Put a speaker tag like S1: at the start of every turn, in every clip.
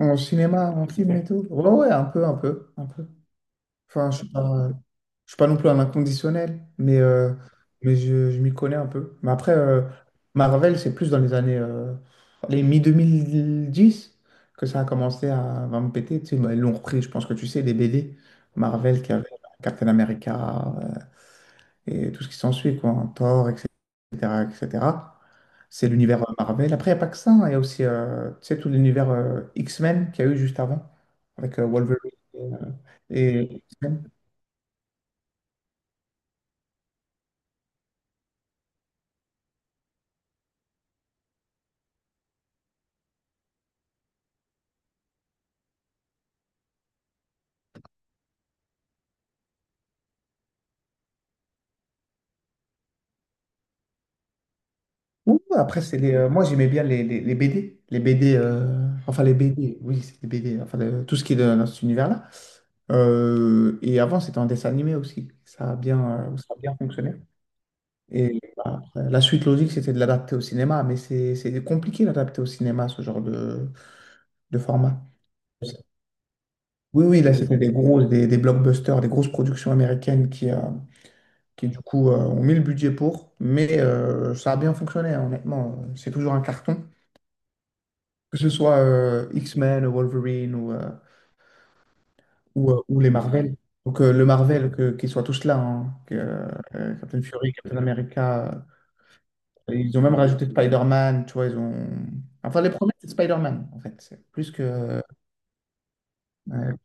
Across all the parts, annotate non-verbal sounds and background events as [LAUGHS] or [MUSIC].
S1: En cinéma, en film et tout? Ouais, un peu, un peu, un peu. Enfin, je suis pas non plus un inconditionnel, mais je m'y connais un peu. Mais après, Marvel, c'est plus dans les années, les mi 2010 que ça a commencé à me péter. Tu sais, bah, ils l'ont repris, je pense que tu sais, les BD. Marvel qui avait Captain America, et tout ce qui s'ensuit, quoi, hein, Thor, etc., etc. C'est l'univers Marvel. Après, il n'y a pas que ça, hein, il y a aussi tu sais, tout l'univers X-Men qu'il y a eu juste avant, avec Wolverine et X-Men. Ouh, après, c'est moi, j'aimais bien les BD. Les BD, enfin les BD, oui, c'est les BD, enfin le- Tout ce qui est de- dans cet univers-là. Et avant, c'était en dessin animé aussi. Ça a bien fonctionné. Et bah, après, la suite logique, c'était de l'adapter au cinéma, mais c'est compliqué d'adapter au cinéma ce genre de format. Oui, oui, là, c'était des grosses, des blockbusters, des grosses productions américaines qui du coup, ont mis le budget pour. Mais ça a bien fonctionné, hein, honnêtement. C'est toujours un carton, que ce soit X-Men, Wolverine ou les Marvel. Donc, le Marvel, que, qu'ils soient tous là, hein, que, Captain Fury, Captain America, ils ont même rajouté Spider-Man, tu vois, ils ont... Enfin, les premiers, c'est Spider-Man, en fait. C'est plus que... euh,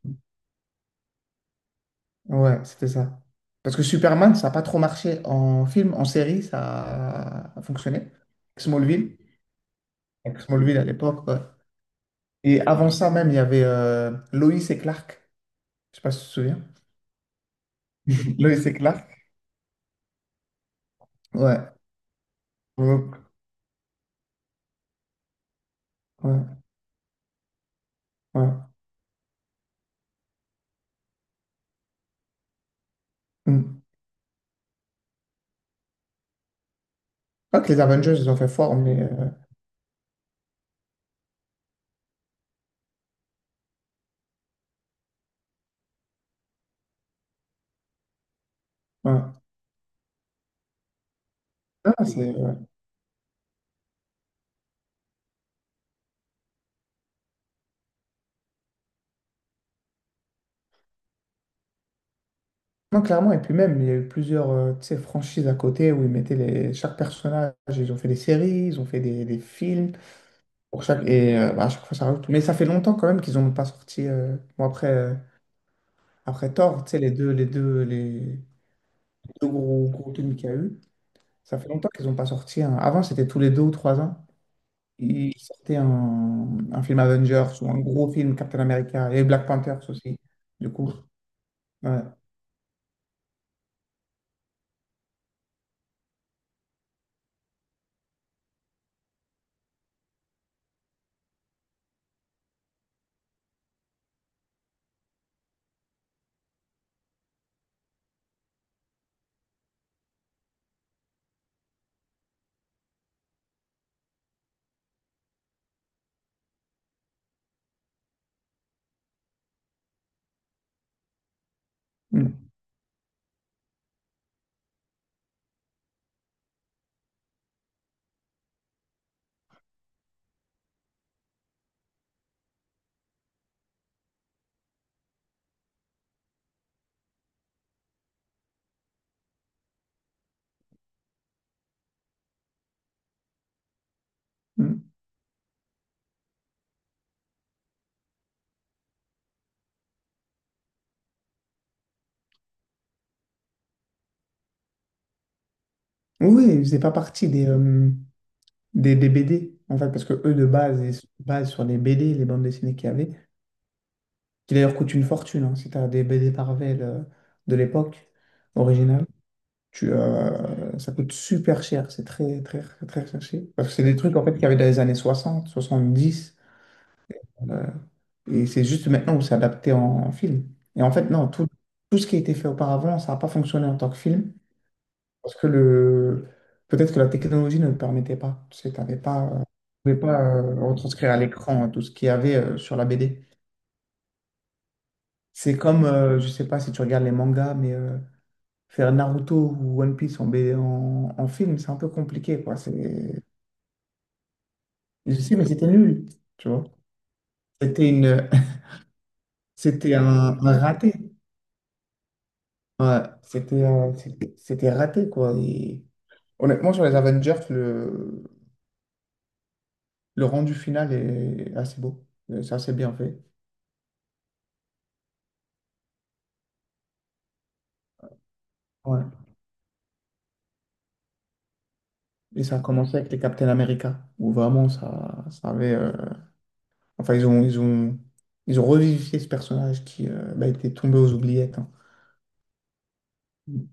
S1: Ouais, c'était ça. Parce que Superman, ça n'a pas trop marché en film, en série, ça a fonctionné. Smallville, avec Smallville à l'époque. Ouais. Et avant ça même, il y avait Lois et Clark. Je sais pas si tu te souviens. [LAUGHS] Lois et Clark. Ouais. Ouais, ouais. Ouais. Hmm. Pas que les Avengers, ils ont fait fort, mais... ouais. Ouais. Non, clairement. Et puis même, il y a eu plusieurs tu sais, franchises à côté où ils mettaient les... chaque personnage. Ils ont fait des séries, ils ont fait des films. Pour chaque... Et bah, à chaque fois, ça rajoute. Mais ça fait longtemps quand même qu'ils n'ont pas sorti. Bon, après, après Thor, tu sais, les deux gros, gros films qu'il y a eu, ça fait longtemps qu'ils n'ont pas sorti. Avant, c'était tous les deux ou trois ans. Ils sortaient un film Avengers ou un gros film Captain America et Black Panthers aussi, du coup. Ouais. Mm. Mm. Oui, ils faisaient pas partie des, des BD, en fait, parce que eux, de base, ils se basent sur les BD, les bandes dessinées qu'il y avait. Qui d'ailleurs coûte une fortune, hein. Si tu as des BD Marvel de l'époque originale, ça coûte super cher. C'est très, très, très recherché. Parce que c'est des trucs en fait, qu'il y avait dans les années 60, 70. euh, et c'est juste maintenant où c'est adapté en, en film. Et en fait, non, tout, tout ce qui a été fait auparavant, ça n'a pas fonctionné en tant que film. Parce que le... peut-être que la technologie ne le permettait pas. Tu sais, t'avais pas, tu pouvais pas retranscrire à l'écran tout ce qu'il y avait sur la BD. C'est comme, je sais pas si tu regardes les mangas, mais faire Naruto ou One Piece en film, c'est un peu compliqué, quoi. Je sais, mais c'était nul, tu vois. C'était une... [LAUGHS] c'était un raté. Ouais, c'était un- c'était C'était raté, quoi. Et honnêtement, sur les Avengers, le rendu final est assez beau. C'est assez bien fait. Ouais. Et ça a commencé avec les Captain America, où vraiment, ça avait... Enfin, ils ont revivifié ce personnage qui bah, était tombé aux oubliettes, hein. Mm.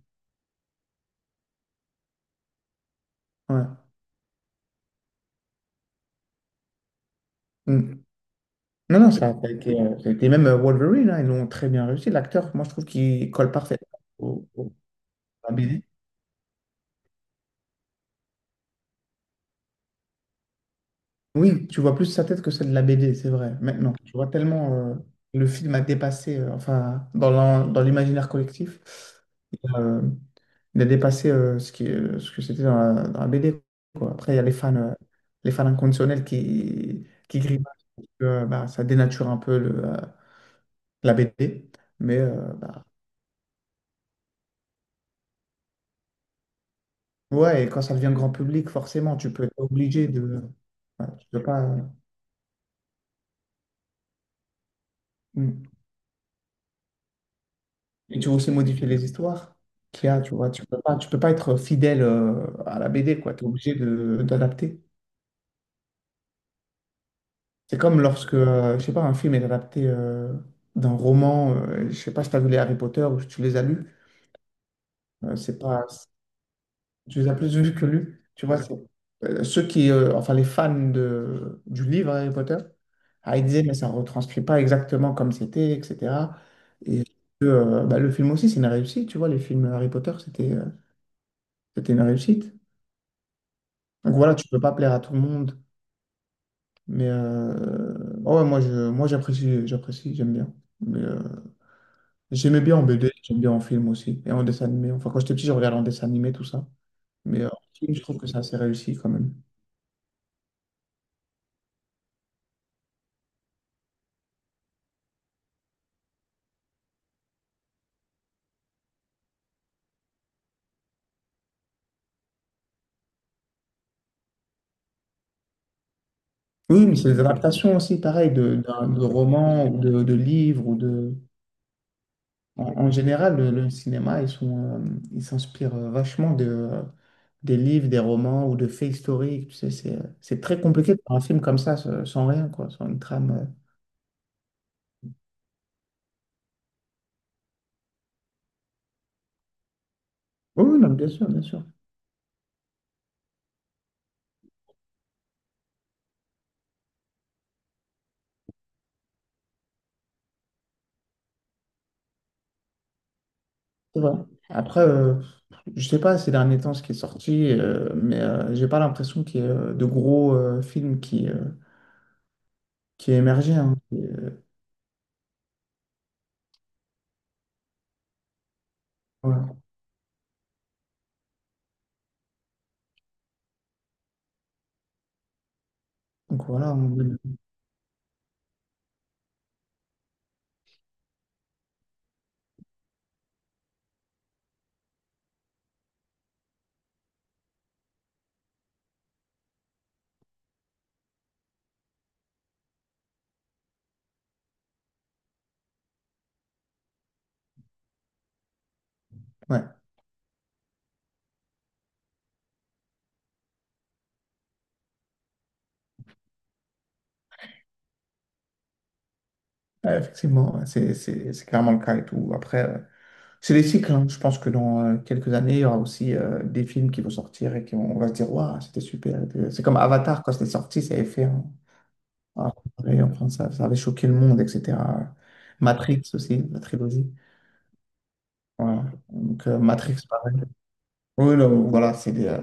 S1: Ouais. Mm. Non, non, ça a été même Wolverine, hein, ils l'ont très bien réussi. L'acteur, moi, je trouve qu'il colle parfaitement au, au- à la BD. Oui, tu vois plus sa tête que celle de la BD, c'est vrai. Maintenant, tu vois tellement le film a dépassé, enfin, dans l'imaginaire collectif, il a, euh, il a dépassé ce que c'était dans la BD, quoi. Après, il y a les fans inconditionnels qui gribouillent que bah, ça dénature un peu la BD. Mais euh, bah, Ouais, et quand ça devient grand public, forcément, tu peux être obligé de. Voilà, tu peux pas. Mm. Et tu veux aussi modifier les histoires qu'il y a, tu vois. Tu peux pas être fidèle à la BD, quoi. Tu es obligé de d'adapter. C'est comme lorsque, je sais pas, un film est adapté d'un roman. Je sais pas si tu as vu les Harry Potter ou si tu les as lus. C'est pas, tu les as plus vus que lus. Tu vois, c'est enfin les fans du livre Harry Potter, ah, ils disaient, mais ça ne retranscrit pas exactement comme c'était, etc. Et bah, le film aussi, c'est une réussite, tu vois, les films Harry Potter, c'était c'était une réussite. Donc voilà, tu peux pas plaire à tout le monde, mais euh, ouais, ouais, moi j'apprécie, j'apprécie, j'aime bien. Mais, euh, j'aimais bien en BD, j'aime bien en film aussi, et en dessin animé. Enfin, quand j'étais petit, je regardais en dessin animé, tout ça. Mais en film, je trouve que c'est assez réussi quand même. Oui, mais c'est des adaptations aussi, pareil, de romans de livres ou de... En général, le cinéma, ils s'inspirent vachement des livres, des romans ou de faits historiques. Tu sais, c'est très compliqué de faire un film comme ça, sans rien, quoi, sans une trame. Oui, oui, non, bien sûr, bien sûr. C'est vrai. Après, je sais pas ces derniers temps ce qui est sorti, j'ai pas l'impression qu'il y ait de gros films qui aient émergé, hein. Voilà. Donc voilà. on- Ouais. Ouais, effectivement, ouais, c'est clairement le cas et tout. Après, c'est les cycles, hein. Je pense que dans quelques années, il y aura aussi des films qui vont sortir et qui vont, on va se dire, waouh, c'était super. C'est comme Avatar, quand c'était sorti, ça avait fait un vrai, enfin, ça avait choqué le monde, etc. Matrix aussi, la trilogie. Voilà. Donc, Matrix, pareil. Oui, là, voilà,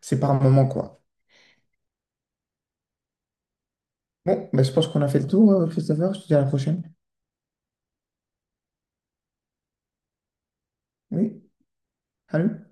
S1: c'est par moment, quoi. Bon, mais je pense qu'on a fait le tour, Christopher. Je te dis à la prochaine. Oui, salut.